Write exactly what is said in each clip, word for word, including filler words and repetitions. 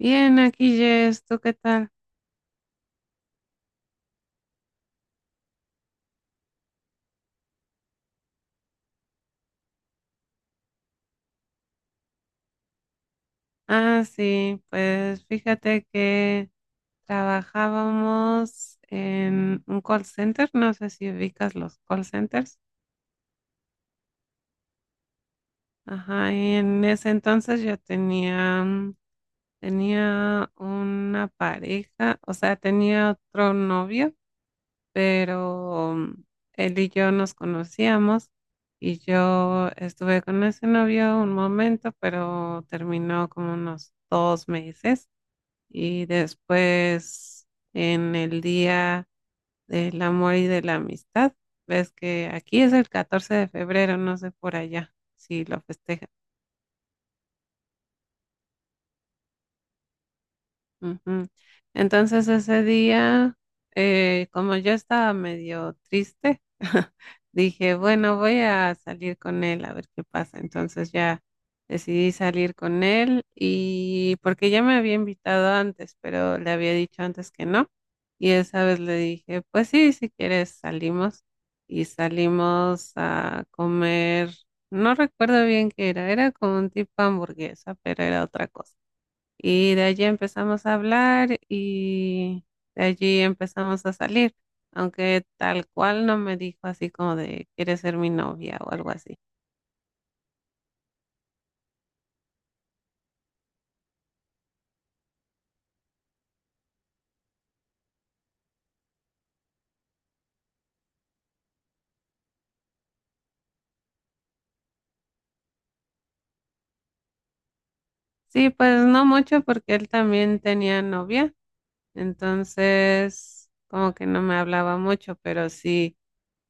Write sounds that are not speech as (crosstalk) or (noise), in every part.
Bien, aquí Jess, ¿tú qué tal? Ah, sí, pues fíjate que trabajábamos en un call center, no sé si ubicas los call centers. Ajá, y en ese entonces yo tenía, mm, tenía una pareja, o sea, tenía otro novio, pero mm, él y yo nos conocíamos y yo estuve con ese novio un momento, pero terminó como unos dos meses. Y después, en el Día del Amor y de la Amistad. Ves que aquí es el catorce de febrero, no sé por allá si lo festejan. Ujú. Entonces ese día, eh, como yo estaba medio triste, (laughs) dije, bueno, voy a salir con él a ver qué pasa. Entonces ya decidí salir con él, y porque ya me había invitado antes, pero le había dicho antes que no. Y esa vez le dije, pues sí, si quieres salimos. Y salimos a comer, no recuerdo bien qué era, era como un tipo hamburguesa, pero era otra cosa. Y de allí empezamos a hablar y de allí empezamos a salir, aunque tal cual no me dijo así como de, ¿quieres ser mi novia o algo así? Sí, pues no mucho porque él también tenía novia, entonces como que no me hablaba mucho, pero sí.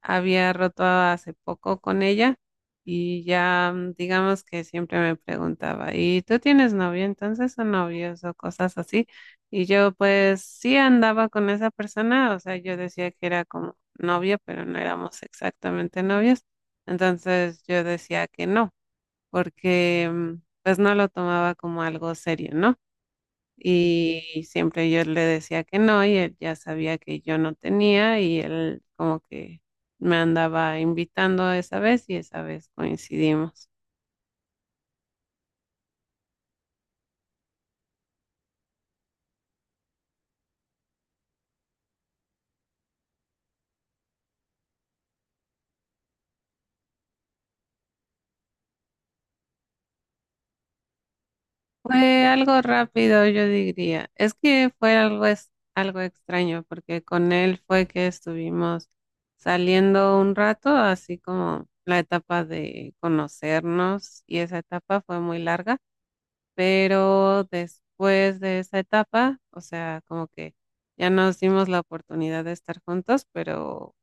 Había roto hace poco con ella y ya, mm, digamos que siempre me preguntaba, ¿y tú tienes novio entonces o novios o cosas así? Y yo pues sí andaba con esa persona, o sea, yo decía que era como novio, pero no éramos exactamente novios, entonces yo decía que no, porque mm, pues no lo tomaba como algo serio, ¿no? Y siempre yo le decía que no, y él ya sabía que yo no tenía, y él como que me andaba invitando esa vez y esa vez coincidimos. Fue algo rápido, yo diría. Es que fue algo, es, algo extraño porque con él fue que estuvimos saliendo un rato, así como la etapa de conocernos, y esa etapa fue muy larga, pero después de esa etapa, o sea, como que ya nos dimos la oportunidad de estar juntos, pero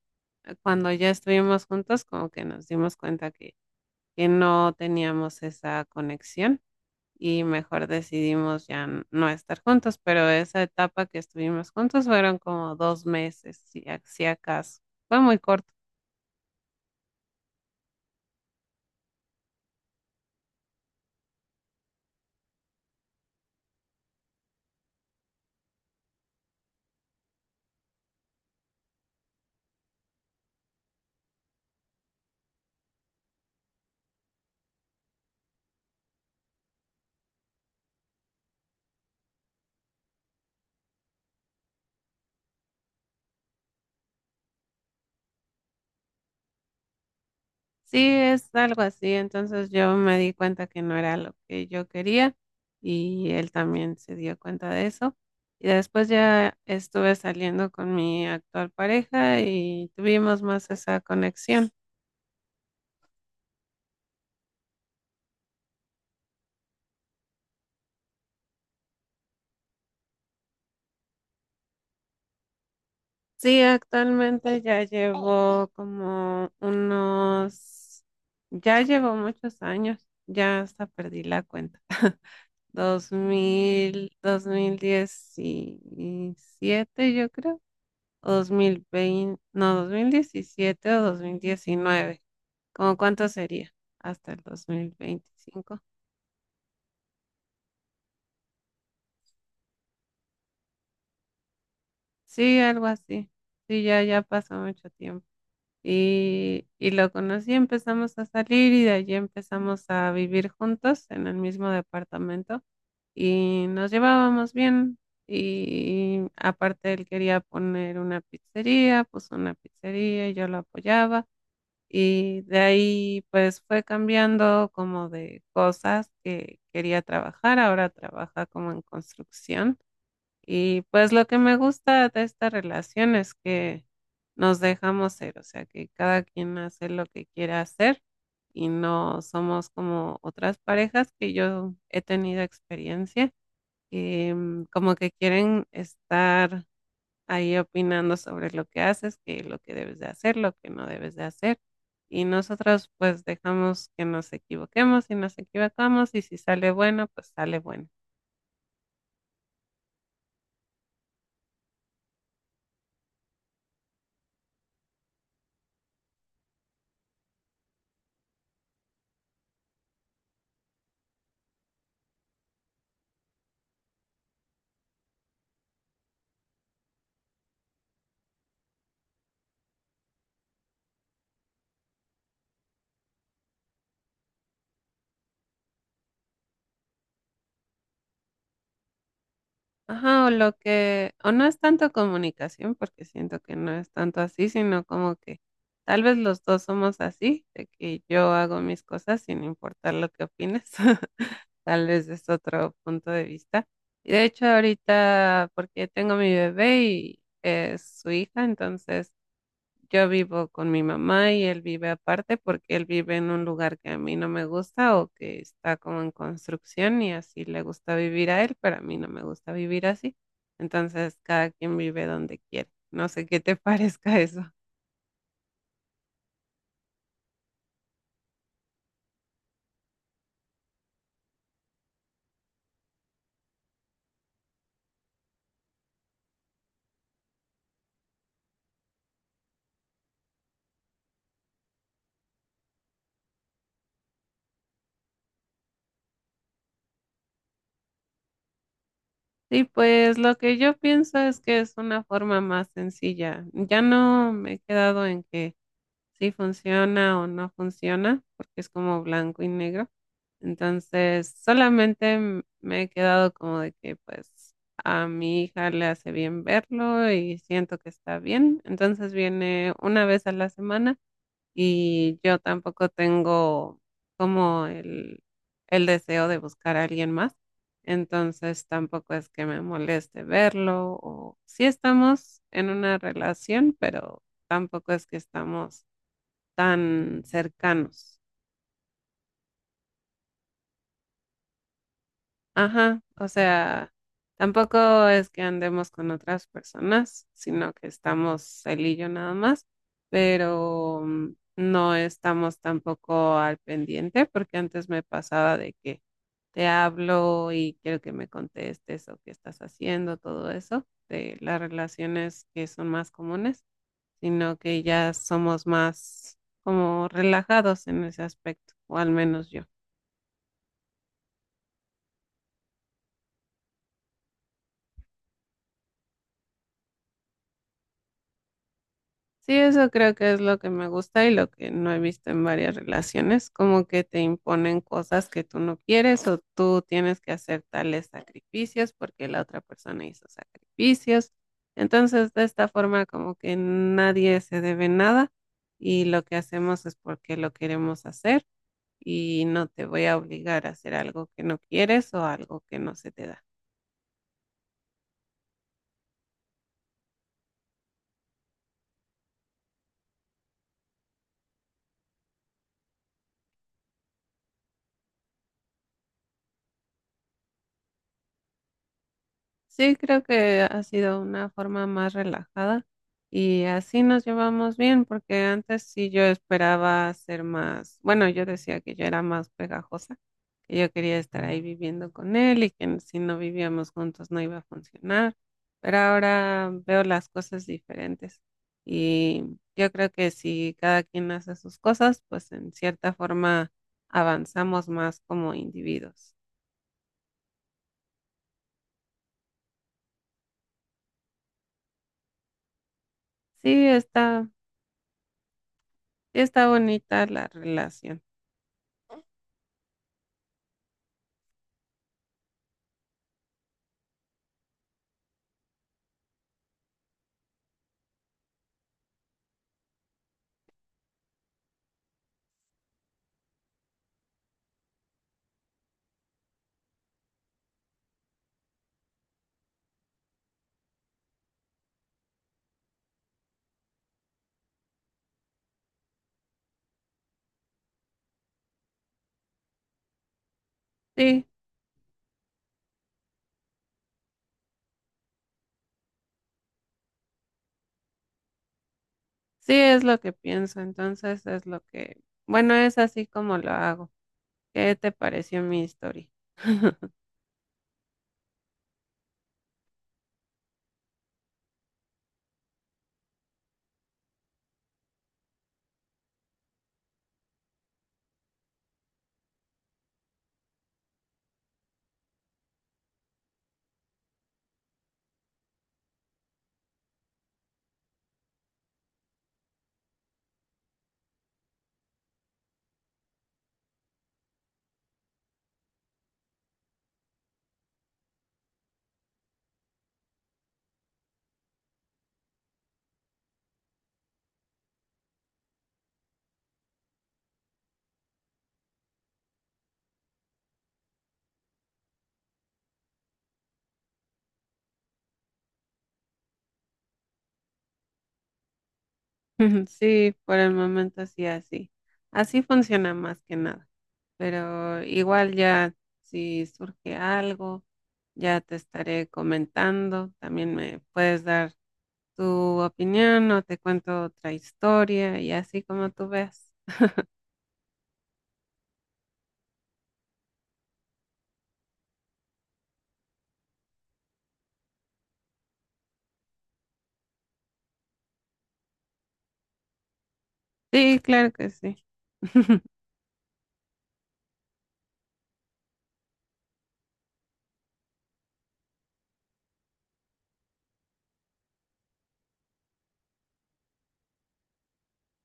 cuando ya estuvimos juntos, como que nos dimos cuenta que, que no teníamos esa conexión, y mejor decidimos ya n- no estar juntos, pero esa etapa que estuvimos juntos fueron como dos meses, si, a- si acaso. Fue muy corto. Sí, es algo así. Entonces yo me di cuenta que no era lo que yo quería y él también se dio cuenta de eso. Y después ya estuve saliendo con mi actual pareja y tuvimos más esa conexión. Sí, actualmente ya llevo como unos, ya llevo muchos años, ya hasta perdí la cuenta. (laughs) Dos dos mil, dos mil diecisiete, yo creo. O dos mil veinte, no, dos mil diecisiete o dos mil diecinueve. ¿Cómo cuánto sería? Hasta el dos mil veinticinco. Sí, algo así. Sí, ya, ya pasó mucho tiempo. Y, y lo conocí, empezamos a salir y de allí empezamos a vivir juntos en el mismo departamento y nos llevábamos bien. Y aparte él quería poner una pizzería, puso una pizzería y yo lo apoyaba. Y de ahí pues fue cambiando como de cosas que quería trabajar, ahora trabaja como en construcción. Y pues lo que me gusta de esta relación es que nos dejamos ser, o sea que cada quien hace lo que quiere hacer y no somos como otras parejas que yo he tenido experiencia, que mm, como que quieren estar ahí opinando sobre lo que haces, que lo que debes de hacer, lo que no debes de hacer. Y nosotros pues dejamos que nos equivoquemos, y nos equivocamos, y si sale bueno, pues sale bueno. Ajá, o lo que, o no es tanto comunicación, porque siento que no es tanto así, sino como que tal vez los dos somos así, de que yo hago mis cosas sin importar lo que opines. (laughs) Tal vez es otro punto de vista. Y de hecho ahorita, porque tengo mi bebé y es su hija, entonces yo vivo con mi mamá y él vive aparte porque él vive en un lugar que a mí no me gusta o que está como en construcción y así le gusta vivir a él, pero a mí no me gusta vivir así. Entonces, cada quien vive donde quiere. No sé qué te (laughs) parezca eso. Sí, pues lo que yo pienso es que es una forma más sencilla. Ya no me he quedado en que si funciona o no funciona, porque es como blanco y negro. Entonces, solamente m- me he quedado como de que pues a mi hija le hace bien verlo y siento que está bien. Entonces viene una vez a la semana, y yo tampoco tengo como el, el, deseo de buscar a alguien más. Entonces tampoco es que me moleste verlo, o sí estamos en una relación, pero tampoco es que estamos tan cercanos. Ajá, o sea, tampoco es que andemos con otras personas, sino que estamos él y yo nada más, pero mm, no estamos tampoco al pendiente, porque antes me pasaba de que te hablo y quiero que me contestes o qué estás haciendo, todo eso, de las relaciones que son más comunes, sino que ya somos más como relajados en ese aspecto, o al menos yo. Sí, eso creo que es lo que me gusta y lo que no he visto en varias relaciones, como que te imponen cosas que tú no quieres o tú tienes que hacer tales sacrificios porque la otra persona hizo sacrificios. Entonces, de esta forma, como que nadie se debe nada, y lo que hacemos es porque lo queremos hacer, y no te voy a obligar a hacer algo que no quieres o algo que no se te da. Sí, creo que ha sido una forma más relajada y así nos llevamos bien, porque antes sí yo esperaba ser más, bueno, yo decía que yo era más pegajosa, que yo quería estar ahí viviendo con él y que si no vivíamos juntos no iba a funcionar, pero ahora veo las cosas diferentes y yo creo que si cada quien hace sus cosas, pues en cierta forma avanzamos más como individuos. Sí, está, está bonita la relación. Sí, sí es lo que pienso, entonces es lo que, bueno, es así como lo hago. ¿Qué te pareció mi historia? (laughs) Sí, por el momento sí, así. Así funciona más que nada. Pero igual ya, si surge algo, ya te estaré comentando. También me puedes dar tu opinión o te cuento otra historia y así como tú veas. Sí, claro que sí. (laughs)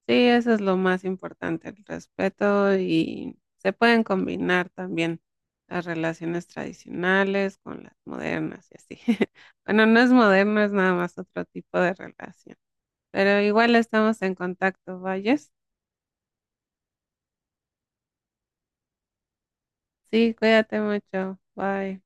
Sí, eso es lo más importante, el respeto, y se pueden combinar también las relaciones tradicionales con las modernas y así. (laughs) Bueno, no es moderno, es nada más otro tipo de relación, pero igual estamos en contacto, ¿vayas? Sí, cuídate mucho, bye.